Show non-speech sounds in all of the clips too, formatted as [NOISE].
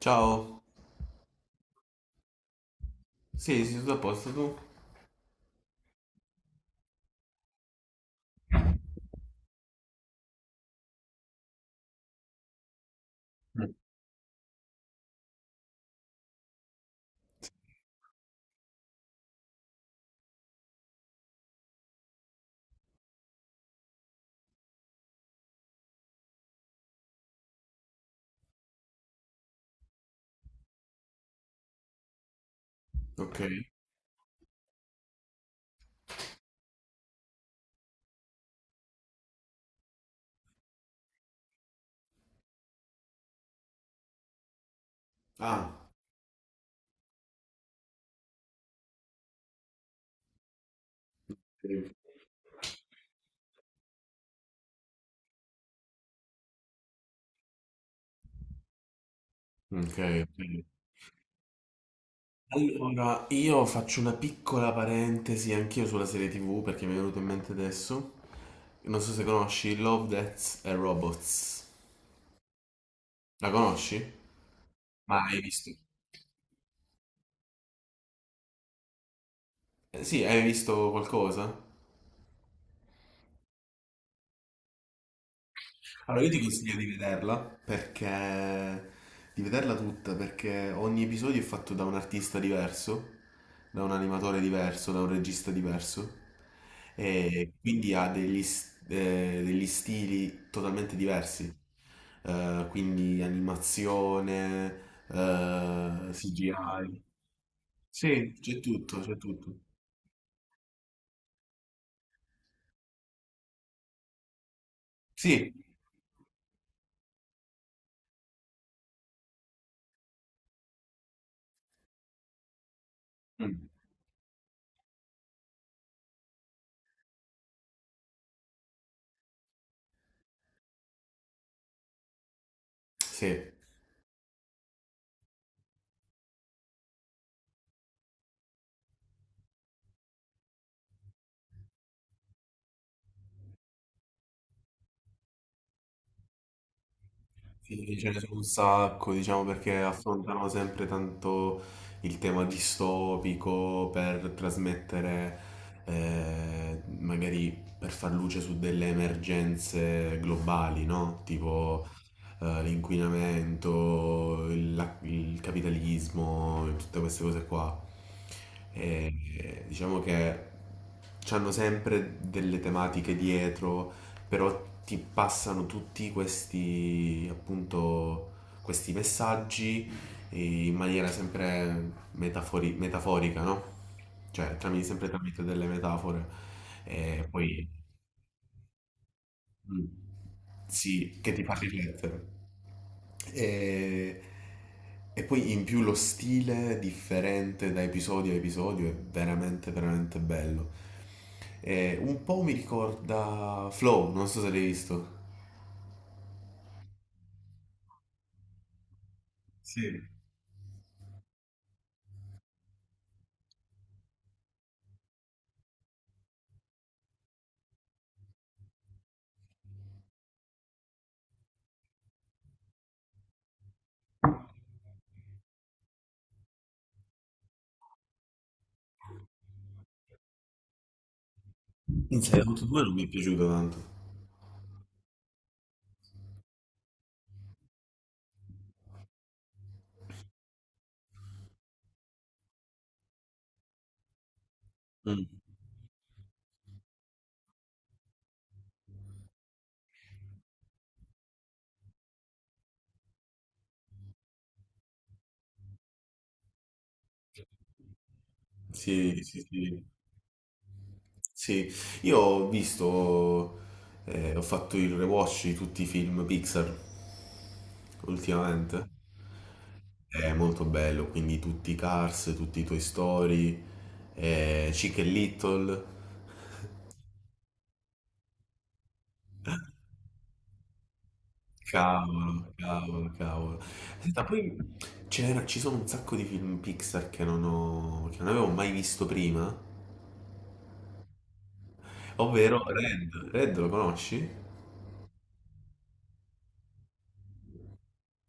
Ciao. Sì, sì, tutto a posto tu? Mm. Ok. Ah, sì. Ok. Ok. Allora, io faccio una piccola parentesi anch'io sulla serie TV perché mi è venuto in mente adesso. Non so se conosci Love, Death and Robots. La conosci? Ma hai visto? Sì, hai visto qualcosa? Allora, io ti consiglio di vederla perché di vederla tutta, perché ogni episodio è fatto da un artista diverso, da un animatore diverso, da un regista diverso, e quindi ha degli, degli stili totalmente diversi. Quindi animazione, CGI. Sì, c'è tutto, c'è tutto. Sì. Mm. Sì. Sì, ce ne sono un sacco, diciamo, perché affrontano sempre tanto il tema distopico per trasmettere, magari per far luce su delle emergenze globali, no? Tipo l'inquinamento, il capitalismo, tutte queste cose qua. E, diciamo che hanno sempre delle tematiche dietro, però ti passano tutti questi, appunto, questi messaggi in maniera sempre metaforica, no? Cioè, tramite, sempre tramite delle metafore. E poi. Mh. Sì, che ti fa riflettere. E e poi in più lo stile differente da episodio a episodio è veramente, veramente bello. E un po' mi ricorda Flow, non so se l'hai visto. Sì. Insomma, tutti e due non mi è piaciuto tanto. Mh. Sì, sì, sì. Sì, io ho visto, ho fatto il rewatch di tutti i film Pixar ultimamente. È molto bello, quindi tutti i Cars, tutti i Toy Story, Chic e Little. Cavolo, cavolo, cavolo. Senta, poi ci sono un sacco di film Pixar che non ho, che non avevo mai visto prima, ovvero Red. Red lo conosci?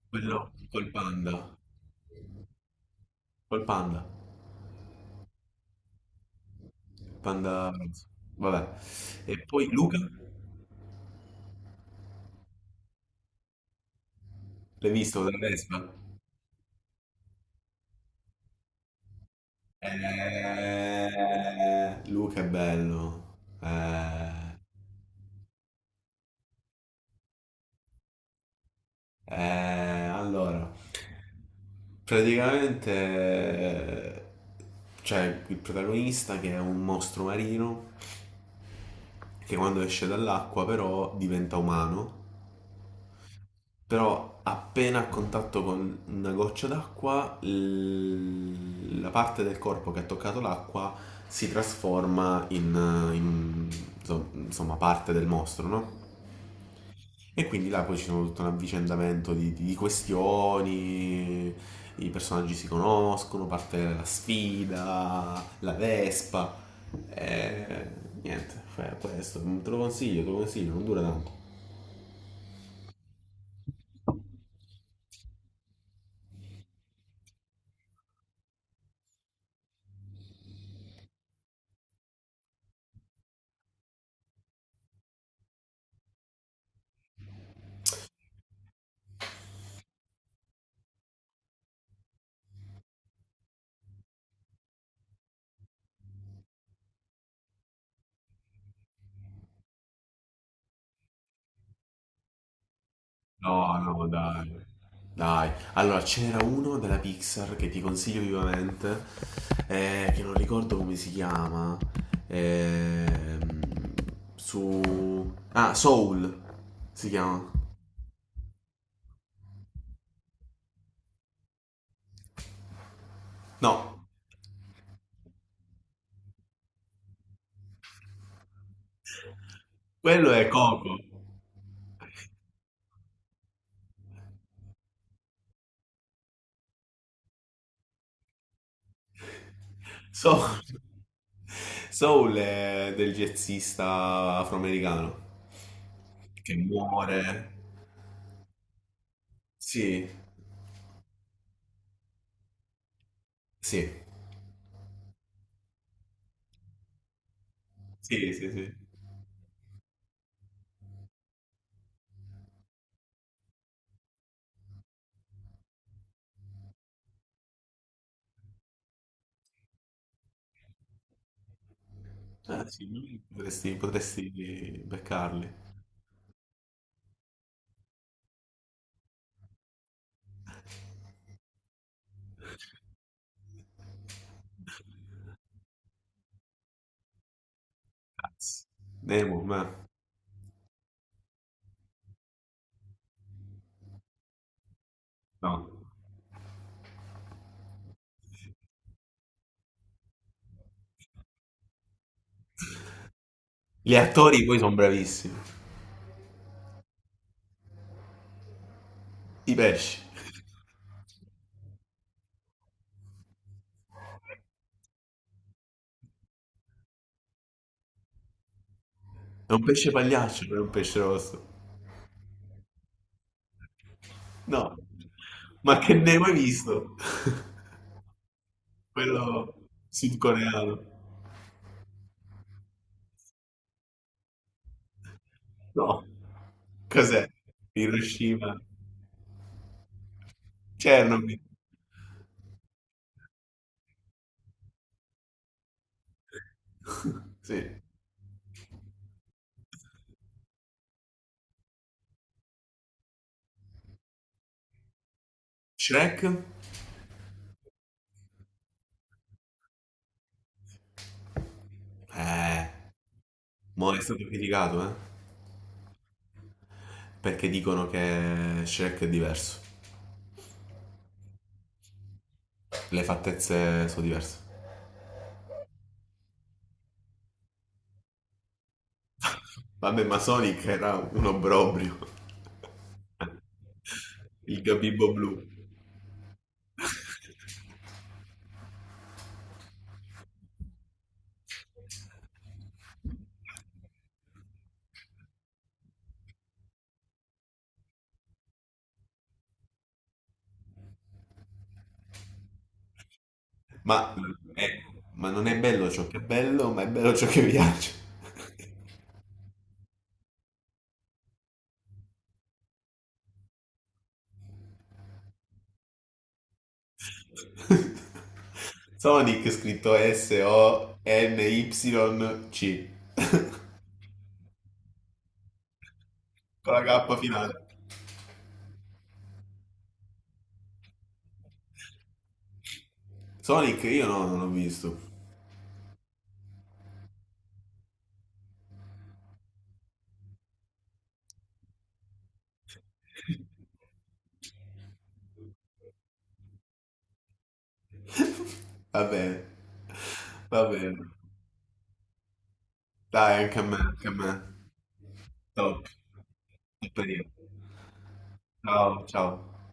Quello col panda. Col panda. Panda rosso. Vabbè. E poi Luca? L'hai visto con la Vespa? Eh, Luca è bello. Allora, praticamente c'è il protagonista che è un mostro marino che quando esce dall'acqua però diventa umano, però appena a contatto con una goccia d'acqua, la parte del corpo che ha toccato l'acqua si trasforma in, insomma, parte del mostro, no? E quindi là poi ci sono tutto un avvicendamento di, di questioni, i personaggi si conoscono, parte la sfida, la Vespa, e niente, fai questo, te lo consiglio, non dura tanto. No, no, dai. Dai, allora ce n'era uno della Pixar che ti consiglio vivamente, che non ricordo come si chiama, ehm, su... Ah, Soul si chiama. No, quello è Coco. Soul, Soul è del jazzista afroamericano che muore. Sì, sì, sì, sì, sì. Ah, sì, lui potresti, potresti beccarli. Nemo, ma no. Gli attori poi sono bravissimi. I pesci. È un pesce pagliaccio, non è un pesce rosso. No. Ma che Nemo hai visto? [LAUGHS] Quello sudcoreano. No. Cos'è? Hiroshima. Chernobyl. [LAUGHS] Sì. Shrek? Eh, mo è stato criticato, eh? Perché dicono che Shrek è diverso. Le fattezze sono diverse. Vabbè, ma Sonic era un obbrobrio. Il gabibbo blu. Ma, eh, ma non è bello ciò che è bello, ma è bello ciò che piace. [LAUGHS] Sonic scritto S-O-N-Y-C. Con la K finale. Sonic io no, non l'ho visto. Va bene, va bene. Dai, anche a me, anche a me. Top. Che periodo. Ciao, ciao.